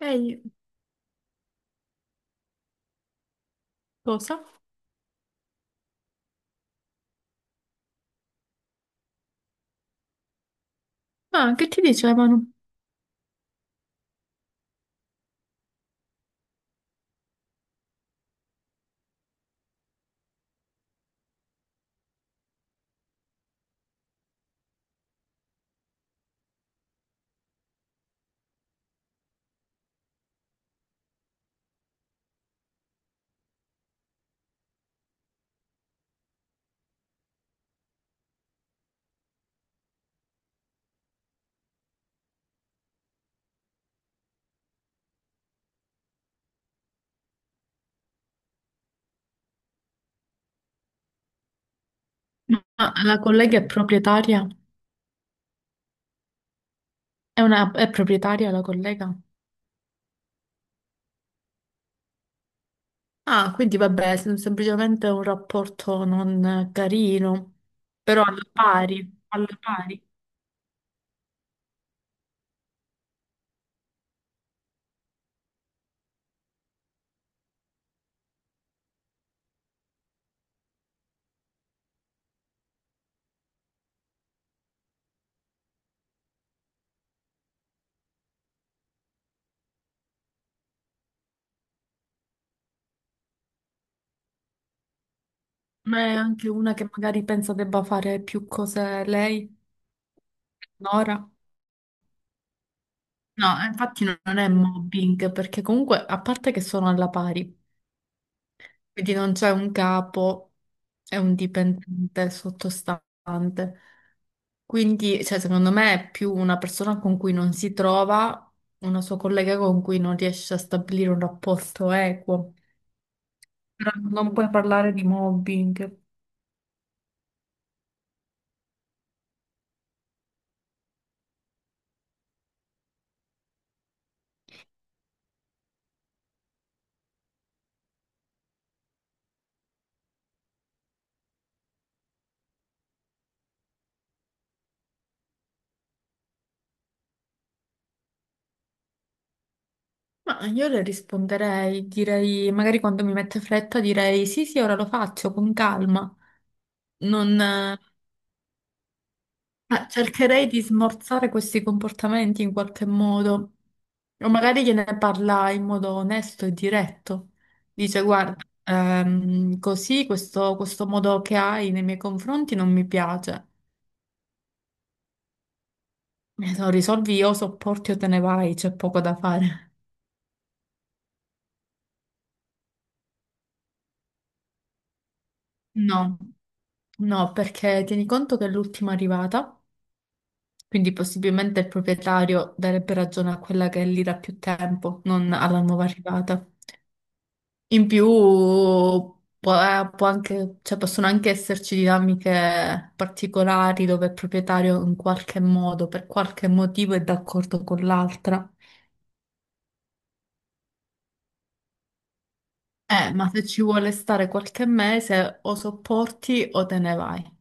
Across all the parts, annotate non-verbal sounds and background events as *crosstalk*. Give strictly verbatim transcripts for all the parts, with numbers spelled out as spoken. Ehi, cosa? Ah, che ti dicevano? Ma la collega è proprietaria? È una, è proprietaria la collega? Ah, quindi vabbè, sem- semplicemente un rapporto non carino, però alla pari, alla pari. Ma è anche una che magari pensa debba fare più cose lei, Nora? No, eh, infatti non non è mobbing, perché comunque, a parte che sono alla pari, quindi non c'è un capo e un dipendente sottostante. Quindi, cioè, secondo me è più una persona con cui non si trova, una sua collega con cui non riesce a stabilire un rapporto equo. Però non puoi parlare di mobbing. Ma io le risponderei, direi, magari quando mi mette fretta direi sì, sì, ora lo faccio con calma. Non, Ma cercherei di smorzare questi comportamenti in qualche modo, o magari gliene parla in modo onesto e diretto. Dice, guarda, ehm, così questo, questo modo che hai nei miei confronti non mi piace. Eh, Se lo risolvi o sopporti o te ne vai, c'è poco da fare. No, no, perché tieni conto che è l'ultima arrivata, quindi possibilmente il proprietario darebbe ragione a quella che è lì da più tempo, non alla nuova arrivata. In più può, eh, può anche- cioè, possono anche esserci dinamiche particolari dove il proprietario in qualche modo, per qualche motivo, è d'accordo con l'altra. Eh, ma se ci vuole stare qualche mese o sopporti o te ne vai.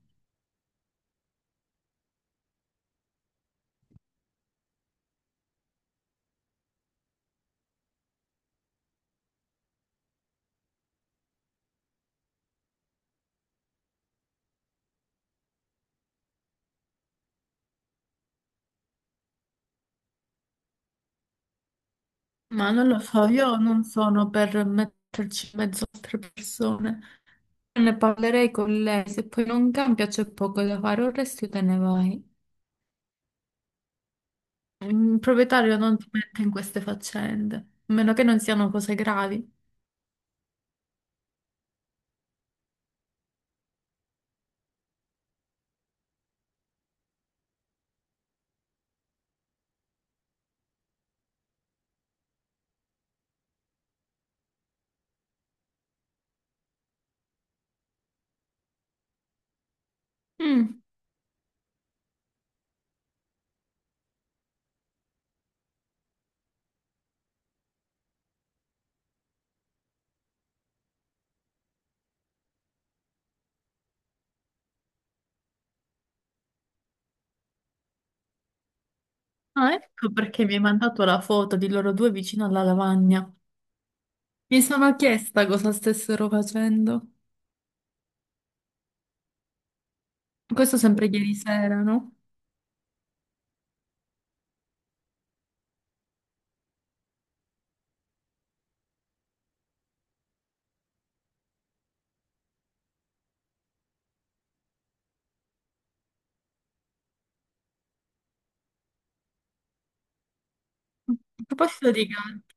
Ma non lo so, io non sono per metterci in mezzo a altre persone. Ne parlerei con lei, se poi non cambia c'è poco da fare, o resti o te ne vai. Il proprietario non ti mette in queste faccende, a meno che non siano cose gravi. Mm. Ah, ecco perché mi hai mandato la foto di loro due vicino alla lavagna. Mi sono chiesta cosa stessero facendo. Questo sempre ieri sera, no? A proposito di gatti,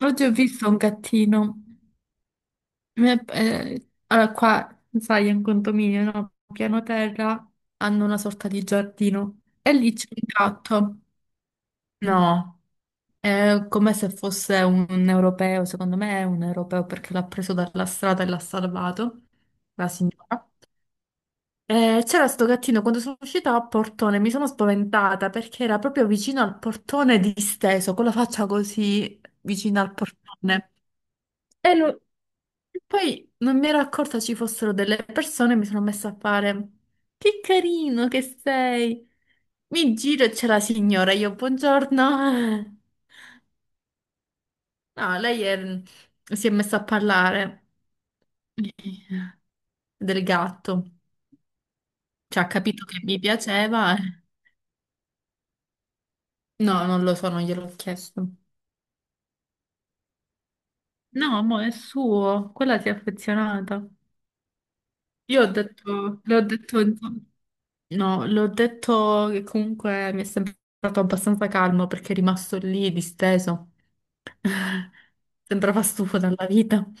oggi ho visto un gattino. Mi è- eh, allora, qua, sai, è un condominio, no? Piano terra hanno una sorta di giardino e lì c'è un gatto. No. È come se fosse un europeo, secondo me è un europeo perché l'ha preso dalla strada e l'ha salvato, la signora. E c'era sto gattino, quando sono uscita a portone mi sono spaventata perché era proprio vicino al portone disteso, con la faccia così vicino al portone. E lo- e poi non mi ero accorta ci fossero delle persone e mi sono messa a fare, che carino che sei! Mi giro e c'è la signora, io buongiorno. No, lei è- si è messa a parlare *laughs* del gatto. Cioè, ha capito che mi piaceva. e- No, non lo so, non gliel'ho chiesto. No, mo è suo, quella si è affezionata. Io ho detto, le ho detto, insomma, no, l'ho detto che comunque mi è sembrato abbastanza calmo perché è rimasto lì disteso. *laughs* Sembrava stufo dalla vita. No,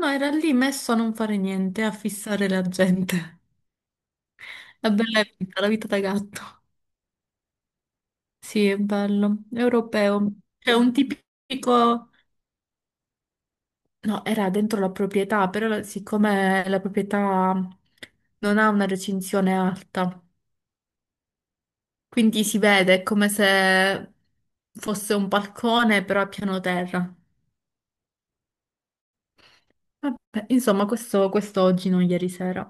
no, era lì messo a non fare niente, a fissare la gente. La bella vita, la vita da gatto. Sì, è bello, europeo. C'è un tipico... No, era dentro la proprietà, però la- siccome la proprietà non ha una recinzione alta, quindi si vede è come se fosse un balcone, però a piano terra. Vabbè, insomma, questo, questo oggi, non ieri sera.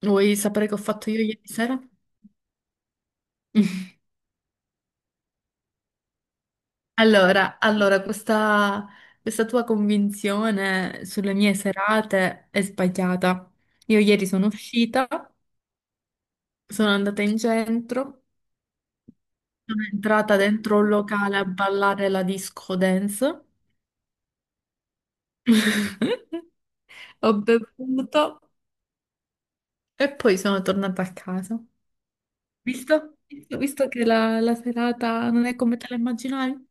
Vuoi sapere che ho fatto io ieri sera? *laughs* Allora, allora, questa, questa tua convinzione sulle mie serate è sbagliata. Io ieri sono uscita. Sono andata in centro, sono entrata dentro un locale a ballare la disco dance, *laughs* ho bevuto e poi sono tornata a casa. Visto? Visto, visto che la, la serata non è come te la immaginavi?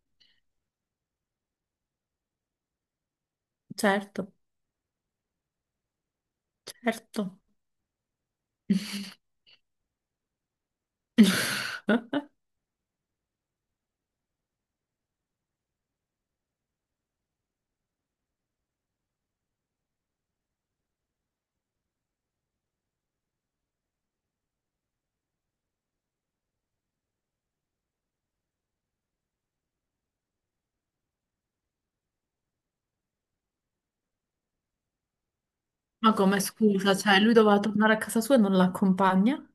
Certo, certo. *laughs* Ma come scusa, cioè lui doveva tornare a casa sua e non l'accompagna?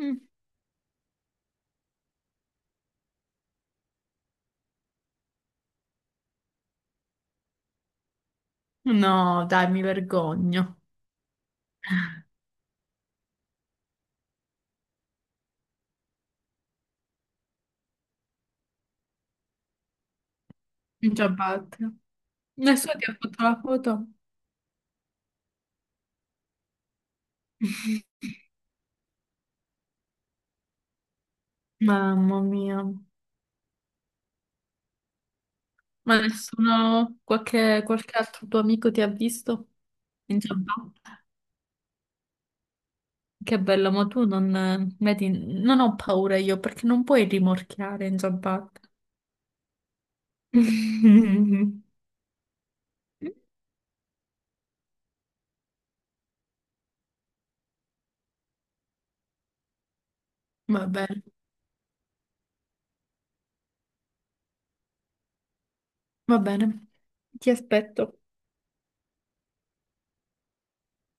Mm. No, dai, mi vergogno. In ciabatte. Nessuno ti ha fatto la foto? *laughs* Mamma mia. Ma nessuno, qualche, qualche altro tuo amico ti ha visto in giabba? Che bello, ma tu non, vedi, non ho paura io perché non puoi rimorchiare in giabbatta. *laughs* Va bene, va bene, ti aspetto.